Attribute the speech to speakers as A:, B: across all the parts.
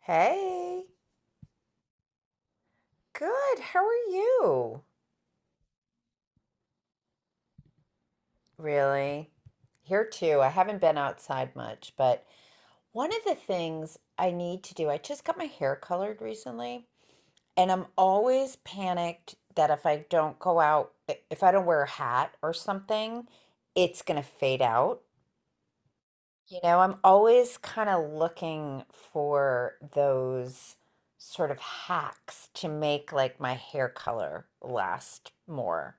A: Hey, good. How are you? Really? Here too. I haven't been outside much, but one of the things I need to do, I just got my hair colored recently, and I'm always panicked that if I don't go out, if I don't wear a hat or something, it's going to fade out. You know, I'm always kind of looking for those sort of hacks to make like my hair color last more.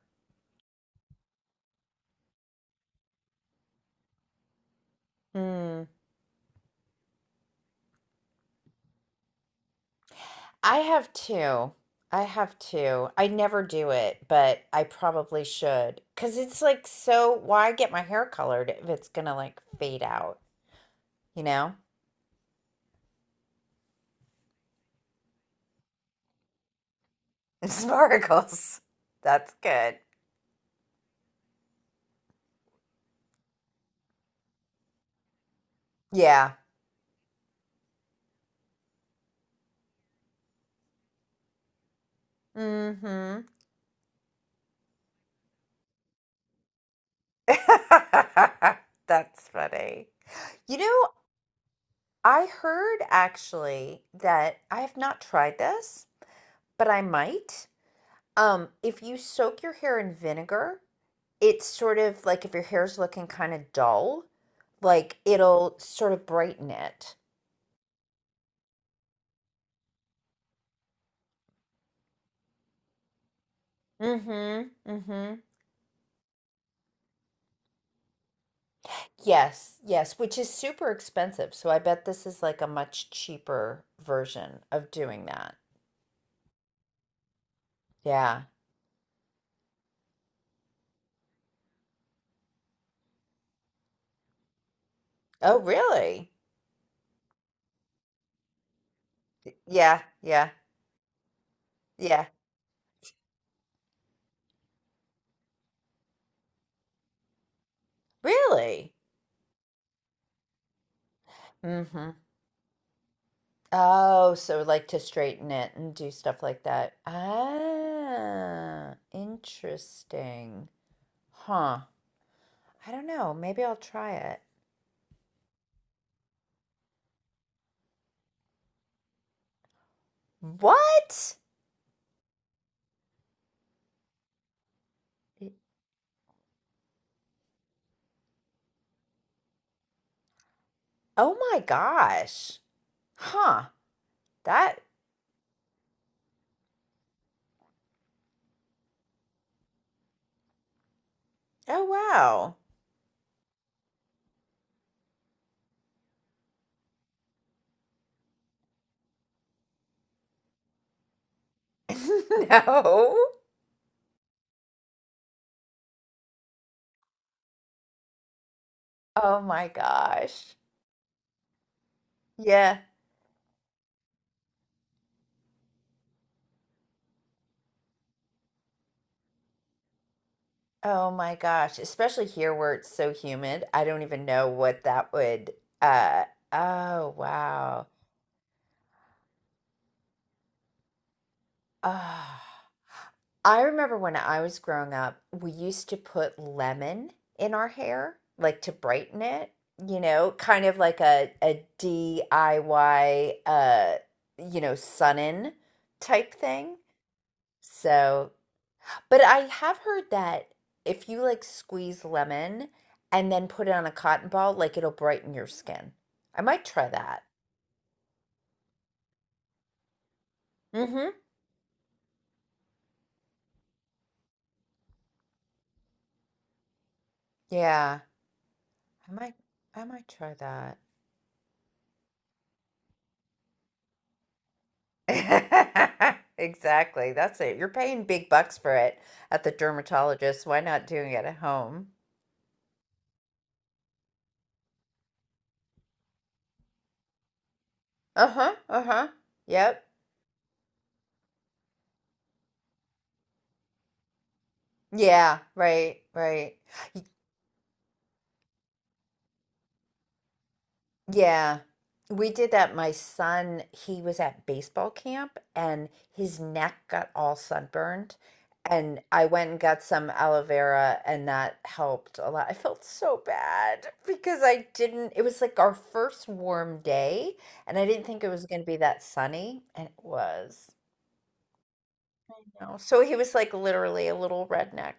A: Hmm. I have two. I have two. I never do it, but I probably should. Because it's like, so why get my hair colored if it's gonna like fade out, you know? Sparkles. That's good. Yeah. Mm-hmm. That's funny. You know, I heard actually that I have not tried this, but I might. If you soak your hair in vinegar, it's sort of like if your hair's looking kind of dull, like it'll sort of brighten it. Mm-hmm. Mm-hmm. Yes, yes, which is super expensive. So I bet this is like a much cheaper version of doing that. Yeah. Oh, really? Yeah, yeah, yeah. Really? Mm-hmm. Oh, so like to straighten it and do stuff like that. Ah, interesting. Huh. I don't know. Maybe I'll try it. What? Oh my gosh. Huh. That, oh wow. No. Oh my gosh. Yeah. Oh my gosh. Especially here where it's so humid. I don't even know what that would. uh oh wow. Ah. I remember when I was growing up, we used to put lemon in our hair, like to brighten it, you know, kind of like a DIY Sun In type thing. So. But I have heard that if you like squeeze lemon and then put it on a cotton ball, like it'll brighten your skin. I might try that. Mm-hmm. Yeah, I might I might try that. Exactly. That's it. You're paying big bucks for it at the dermatologist. Why not doing it at home? Uh-huh. Uh-huh. Yep. Yeah, right, right. Yeah, we did that. My son, he was at baseball camp and his neck got all sunburned. And I went and got some aloe vera, and that helped a lot. I felt so bad because I didn't, it was like our first warm day, and I didn't think it was going to be that sunny, and it was. You know? So he was like literally a little redneck.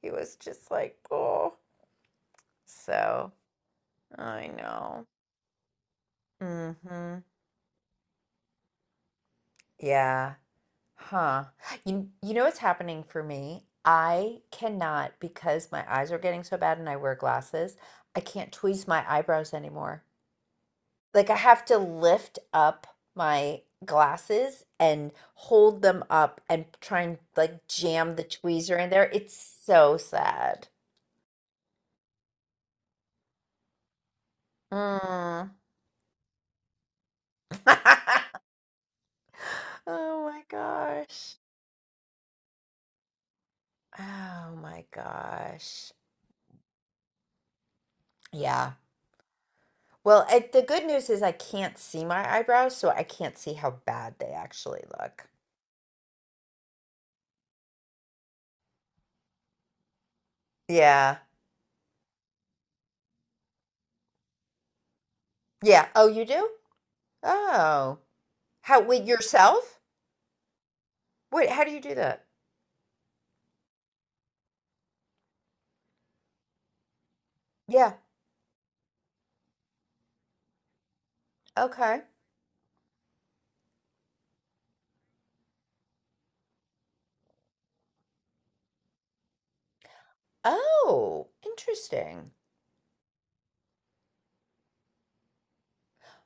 A: He was just like, oh. So I know. Mm. Yeah. Huh. You know what's happening for me? I cannot because my eyes are getting so bad and I wear glasses. I can't tweeze my eyebrows anymore. Like I have to lift up my glasses and hold them up and try and like jam the tweezer in there. It's so sad. Mm. Oh my gosh. Oh my gosh. Yeah. Well, I, the good news is I can't see my eyebrows, so I can't see how bad they actually look. Yeah. Yeah. Oh, you do? Oh. How, with yourself? Wait, how do you do that? Yeah. Okay. Oh, interesting.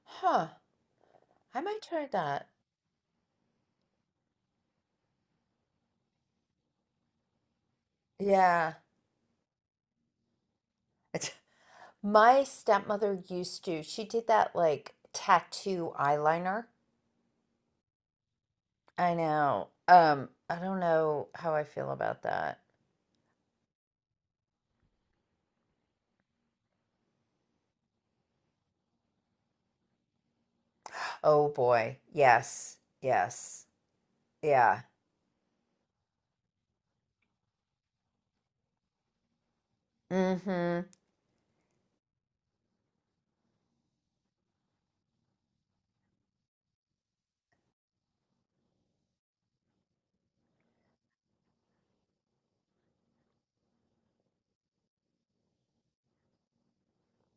A: Huh. I might try that. Yeah. It's- My stepmother used to, she did that like tattoo eyeliner. I know. I don't know how I feel about that. Oh boy. Yes. Yes. Yeah. Mm-hmm.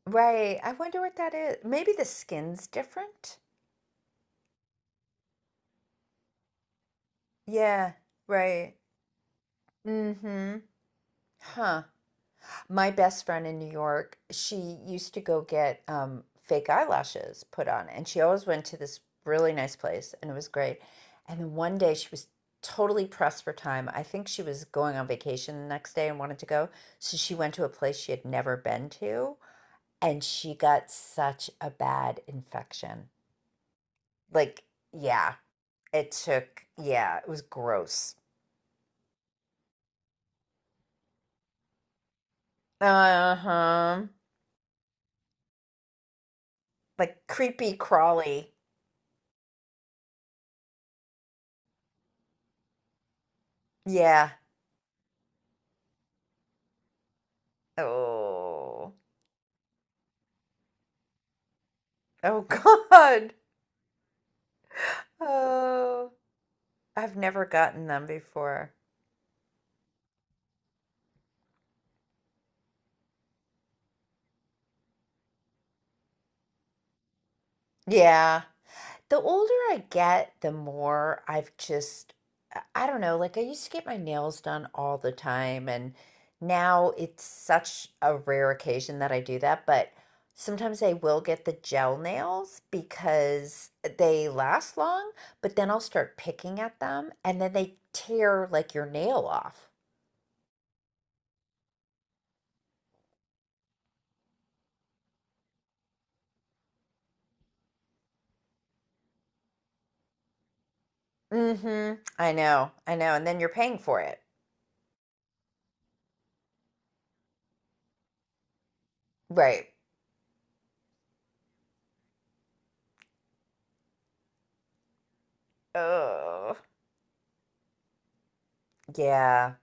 A: Right. I wonder what that is. Maybe the skin's different. Yeah, right. Mm-hmm. Huh. My best friend in New York, she used to go get fake eyelashes put on, and she always went to this really nice place, and it was great. And then one day she was totally pressed for time. I think she was going on vacation the next day and wanted to go. So she went to a place she had never been to, and she got such a bad infection. Like, yeah, it took, yeah, it was gross. Uh huh. Like creepy crawly. Yeah. Oh. Oh, God. Oh. I've never gotten them before. Yeah. The older I get, the more I've just, I don't know, like I used to get my nails done all the time, and now it's such a rare occasion that I do that. But sometimes I will get the gel nails because they last long, but then I'll start picking at them and then they tear like your nail off. Mm-hmm. I know, I know. And then you're paying for it. Right. Oh, yeah.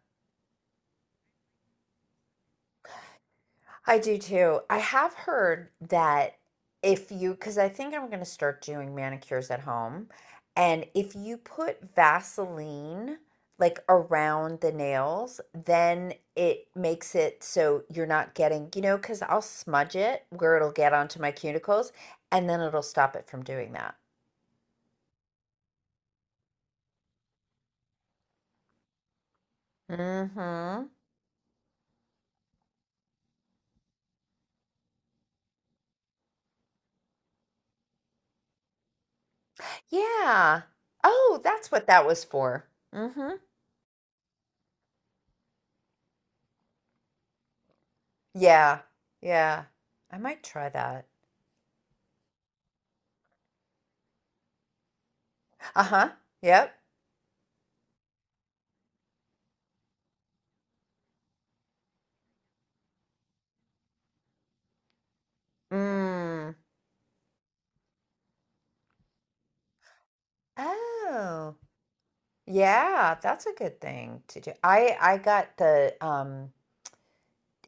A: I do too. I have heard that if you, because I think I'm going to start doing manicures at home, and if you put Vaseline like around the nails, then it makes it so you're not getting, you know, because I'll smudge it where it'll get onto my cuticles, and then it'll stop it from doing that. Mm-hmm. Yeah. Oh, that's what that was for. Mm-hmm. Yeah. Yeah. I might try that. Uh-huh. Yep. Mm. Oh, yeah, that's a good thing to do. I got the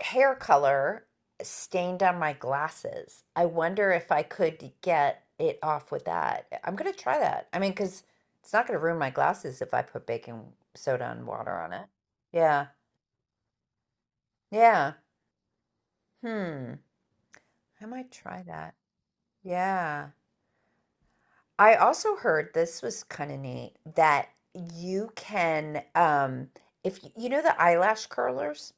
A: hair color stained on my glasses. I wonder if I could get it off with that. I'm gonna try that. I mean, because it's not gonna ruin my glasses if I put baking soda and water on it. Yeah. Yeah. Hmm. I might try that. Yeah. I also heard this was kind of neat that you can, if you, you know the eyelash curlers,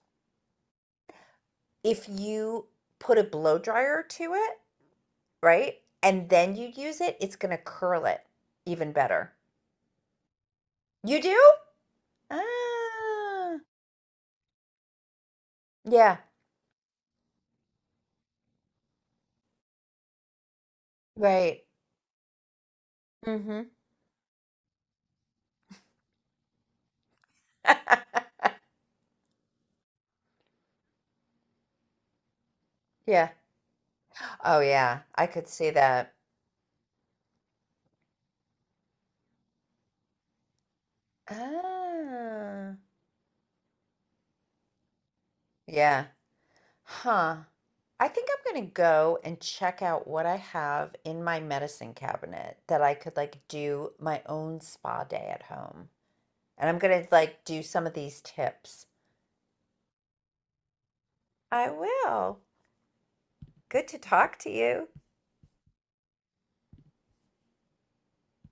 A: if you put a blow dryer to it, right? And then you use it, it's gonna curl it even better. You do? Ah, yeah, right. Mm-hmm. Yeah. Oh, yeah. I could see that. Ah, yeah. Huh. I think I'm gonna go and check out what I have in my medicine cabinet that I could like do my own spa day at home. And I'm gonna like do some of these tips. I will. Good to talk to you.